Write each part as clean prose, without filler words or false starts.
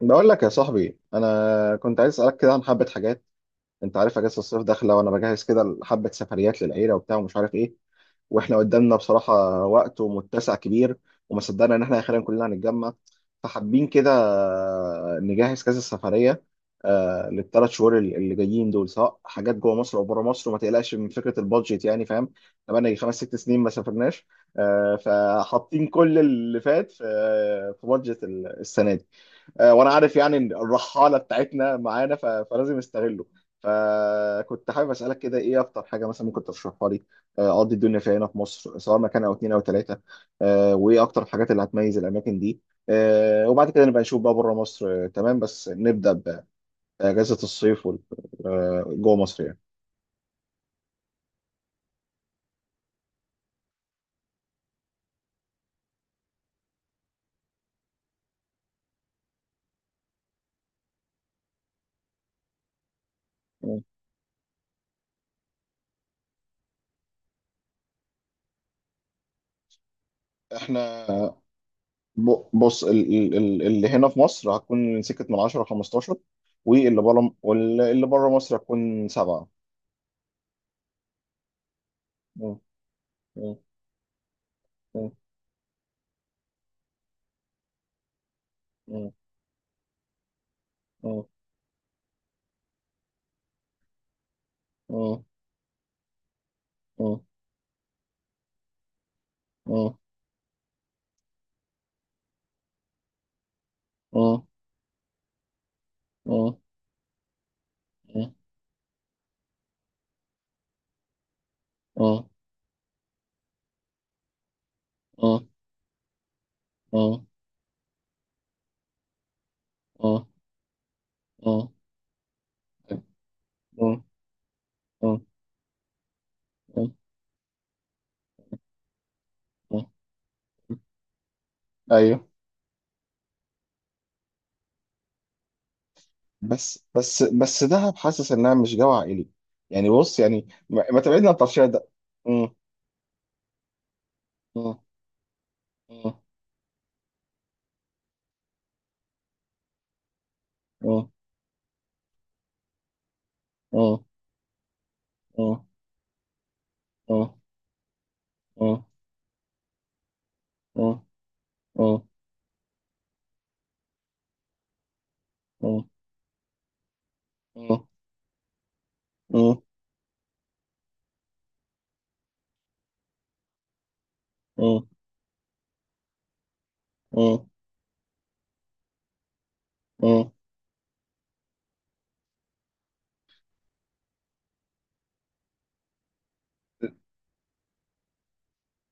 بقول لك يا صاحبي، انا كنت عايز اسالك كده عن حبه حاجات. انت عارف اجازه الصيف داخله وانا بجهز كده حبه سفريات للعيله وبتاع ومش عارف ايه. واحنا قدامنا بصراحه وقت ومتسع كبير، وما صدقنا ان احنا اخيرا كلنا هنتجمع، فحابين كده نجهز كذا سفريه. للثلاث شهور اللي جايين دول، سواء حاجات جوه مصر او بره مصر، وما تقلقش من فكره البادجت يعني فاهم. بقالنا خمس ست سنين ما سافرناش. فحاطين كل اللي فات في بادجت السنه دي. وانا عارف يعني إن الرحاله بتاعتنا معانا، فلازم استغله. فكنت حابب اسالك كده ايه اكتر حاجه مثلا ممكن ترشحها لي، اقضي الدنيا فيها هنا في مصر، سواء مكان او اتنين او تلاته. وايه اكتر الحاجات اللي هتميز الاماكن دي؟ وبعد كده نبقى نشوف بقى بره مصر. تمام، بس نبدا باجازه الصيف جوه مصر يعني. احنا بص اللي هنا في مصر هتكون من سكه من 10 15، واللي بره مصر هتكون سبعه. اه. اه. اه. اه. اه. اه. اه. اه. اه. اه. اه. اه. اه. اه. اه. اه. اه. ايوه. بس بس بس، دهب حاسس انها مش جو عائلي. يعني بص يعني، ما تبعدنا عن الطرشيه ده. مم. مم. مم. مم. مم. مم. مم. مم. مم. مم. مم. مم. مم. مم.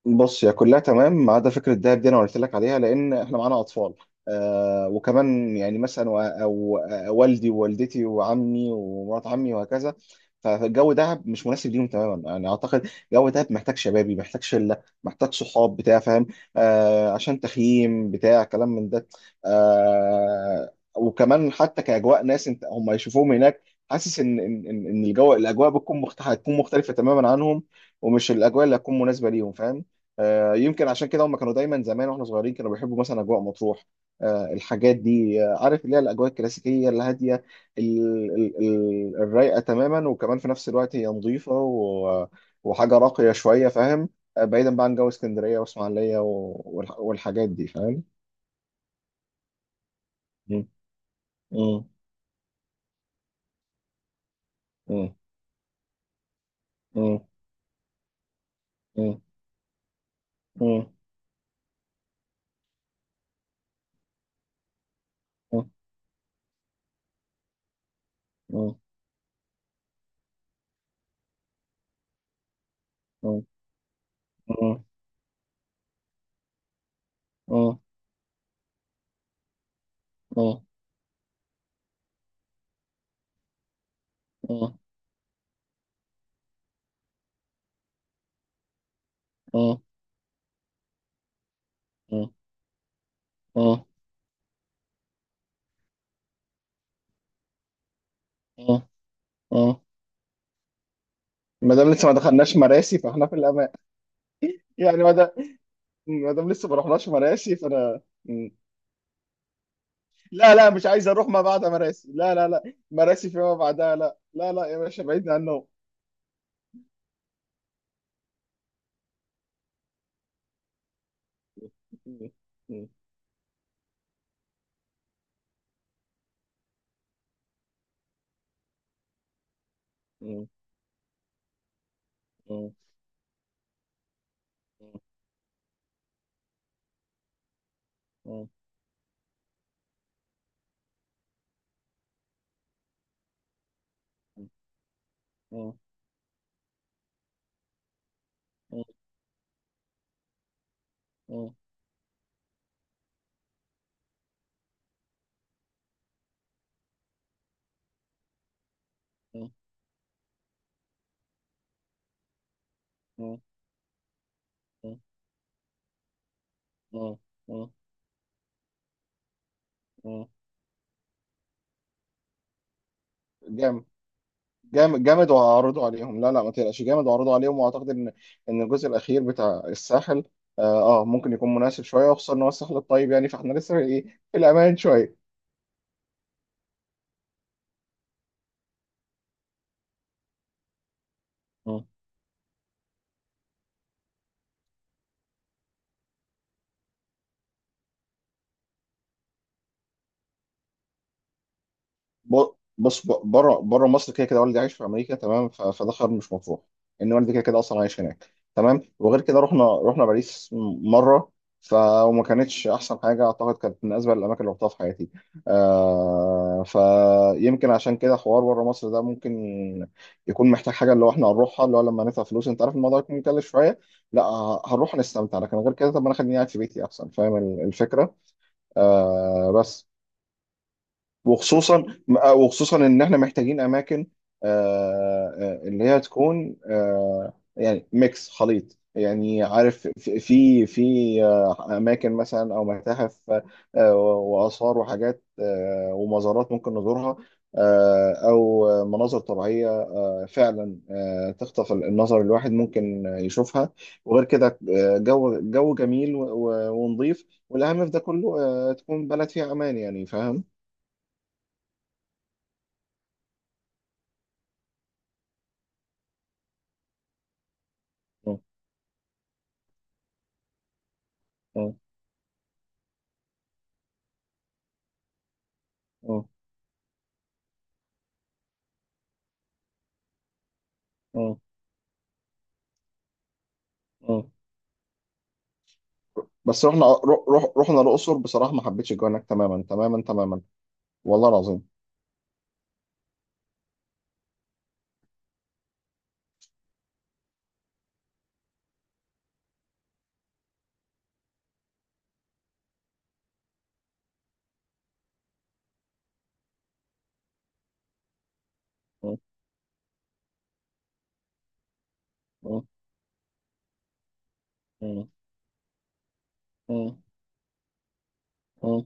بص، هي كلها تمام ما عدا فكره الدهب دي، انا قلت لك عليها لان احنا معانا اطفال. وكمان يعني مثلا او والدي ووالدتي وعمي ومرات عمي وهكذا. فالجو دهب مش مناسب ليهم تماما يعني اعتقد. جو دهب محتاج شبابي، محتاج شله، محتاج صحاب بتاع فاهم. عشان تخييم بتاع كلام من ده. وكمان حتى كاجواء ناس انت هم يشوفوهم هناك. حاسس ان ان ان إن الجو، الاجواء بتكون مختلفه هتكون مختلفه تماما عنهم، ومش الاجواء اللي هتكون مناسبه ليهم فاهم. يمكن عشان كده هم كانوا دايما زمان واحنا صغيرين كانوا بيحبوا مثلا اجواء مطروح. الحاجات دي عارف اللي هي الاجواء الكلاسيكيه الهاديه، الرايقه تماما، وكمان في نفس الوقت هي نظيفه وحاجه راقيه شويه فاهم. بعيدا بقى عن جو اسكندريه واسماعيليه والحاجات دي فاهم. م- م- م- م- م- م- م- م- م- م- م- م- م- م- م- م- ما دام لسه ما دخلناش مراسي، فاحنا في الامان. يعني ما دام، ما دام لسه ما رحناش مراسي فانا. لا لا، مش عايز اروح ما بعد مراسي. لا لا لا، مراسي فيما بعدها. لا لا لا يا باشا، بعيدنا عنه. مم. مم. مم. مم. مم. مم. مم. مم. مم. مم. مم. جامد. جامد جامد وهعرضه عليهم. لا لا ما تقلقش، جامد وهعرضه عليهم واعتقد ان الجزء الاخير بتاع الساحل اه ممكن يكون مناسب شويه، وخصوصا ان هو الساحل الطيب يعني، فاحنا لسه في ايه، في الامان شويه. ب- بص بره مصر كده كده والدي عايش في امريكا، تمام، فده خيار مش مطروح. ان والدي كده كده اصلا عايش هناك. تمام، وغير كده رحنا باريس مره. وما كانتش احسن حاجه، اعتقد كانت من اسوأ الاماكن اللي رحتها في حياتي. فيمكن عشان كده حوار بره مصر ده ممكن يكون محتاج حاجه، اللي هو احنا هنروحها، اللي هو لما ندفع فلوس انت عارف الموضوع يكون مكلف شويه. لا، هنروح نستمتع، لكن غير كده طب ما انا خليني قاعد في بيتي احسن فاهم الفكره. بس. وخصوصا وخصوصا ان احنا محتاجين اماكن، آه، اللي هي تكون يعني ميكس خليط يعني، عارف في في في، آه، اماكن مثلا او متاحف، واثار وحاجات ومزارات ممكن نزورها، او مناظر طبيعيه فعلا تخطف النظر الواحد ممكن يشوفها. وغير كده جو جميل ونظيف، والاهم في ده كله تكون بلد فيها امان يعني فاهم؟ م- م. اه. اه. اه. بس رحنا رحنا الأقصر بصراحة، ما حبيتش الجو هناك تماما تماما تماما. والله العظيم. اه. اه. اه. اه. اه.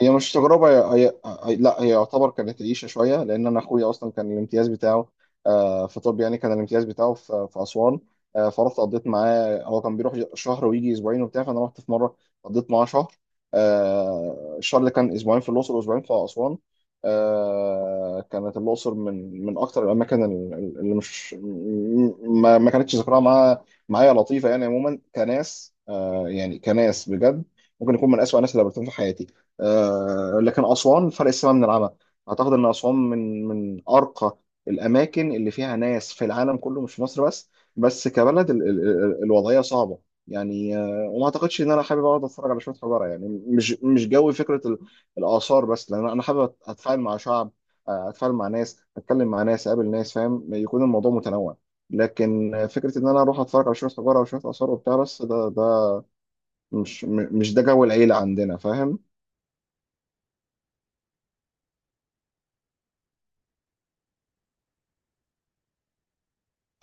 هي مش تجربة. هي... هي... لا، هي يعتبر كانت عيشة شوية، لأن أنا أخويا أصلا كان الامتياز بتاعه في طب يعني، كان الامتياز بتاعه في أسوان. فرحت قضيت معاه، هو كان بيروح شهر ويجي أسبوعين وبتاع، فأنا رحت في مرة قضيت معاه شهر. الشهر اللي كان أسبوعين في الأقصر وأسبوعين في أسوان. كانت الأقصر من أكتر الأماكن اللي مش ما كانتش ذكرها معايا، لطيفة يعني عموما كناس، يعني كناس بجد، ممكن يكون من أسوأ الناس اللي قابلتهم في حياتي. لكن أسوان فرق السماء من العمى. أعتقد إن أسوان من أرقى الأماكن اللي فيها ناس في العالم كله، مش في مصر بس. بس كبلد الوضعية صعبة يعني، وما أعتقدش إن أنا حابب أقعد أتفرج على شوية حجارة يعني، مش جوي فكرة الآثار بس، لأن أنا حابب أتفاعل مع شعب، أتفاعل مع ناس، أتكلم مع ناس، أقابل ناس فاهم، يكون الموضوع متنوع. لكن فكرة إن أنا أروح أتفرج على شوية حجارة وشوية آثار وبتاع بس، ده مش ده جو العيلة عندنا فاهم.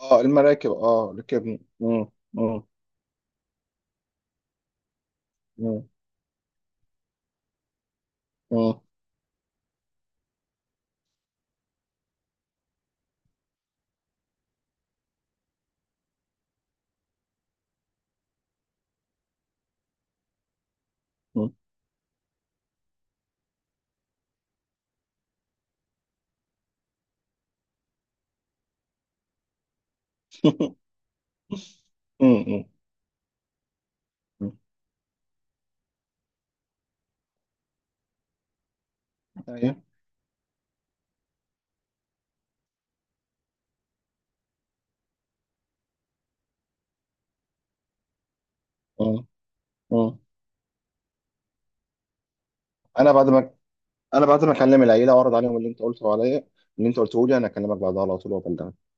اه، المراكب ركبنا. مم. مم. مم. مم. مم. مم. مم. ايوه. مم. مم. انا بعد ما انا بعد ما اكلم العيله واعرض عليهم اللي انت قلته عليا، اللي انت قلته لي، انا اكلمك بعدها على طول وابلغك.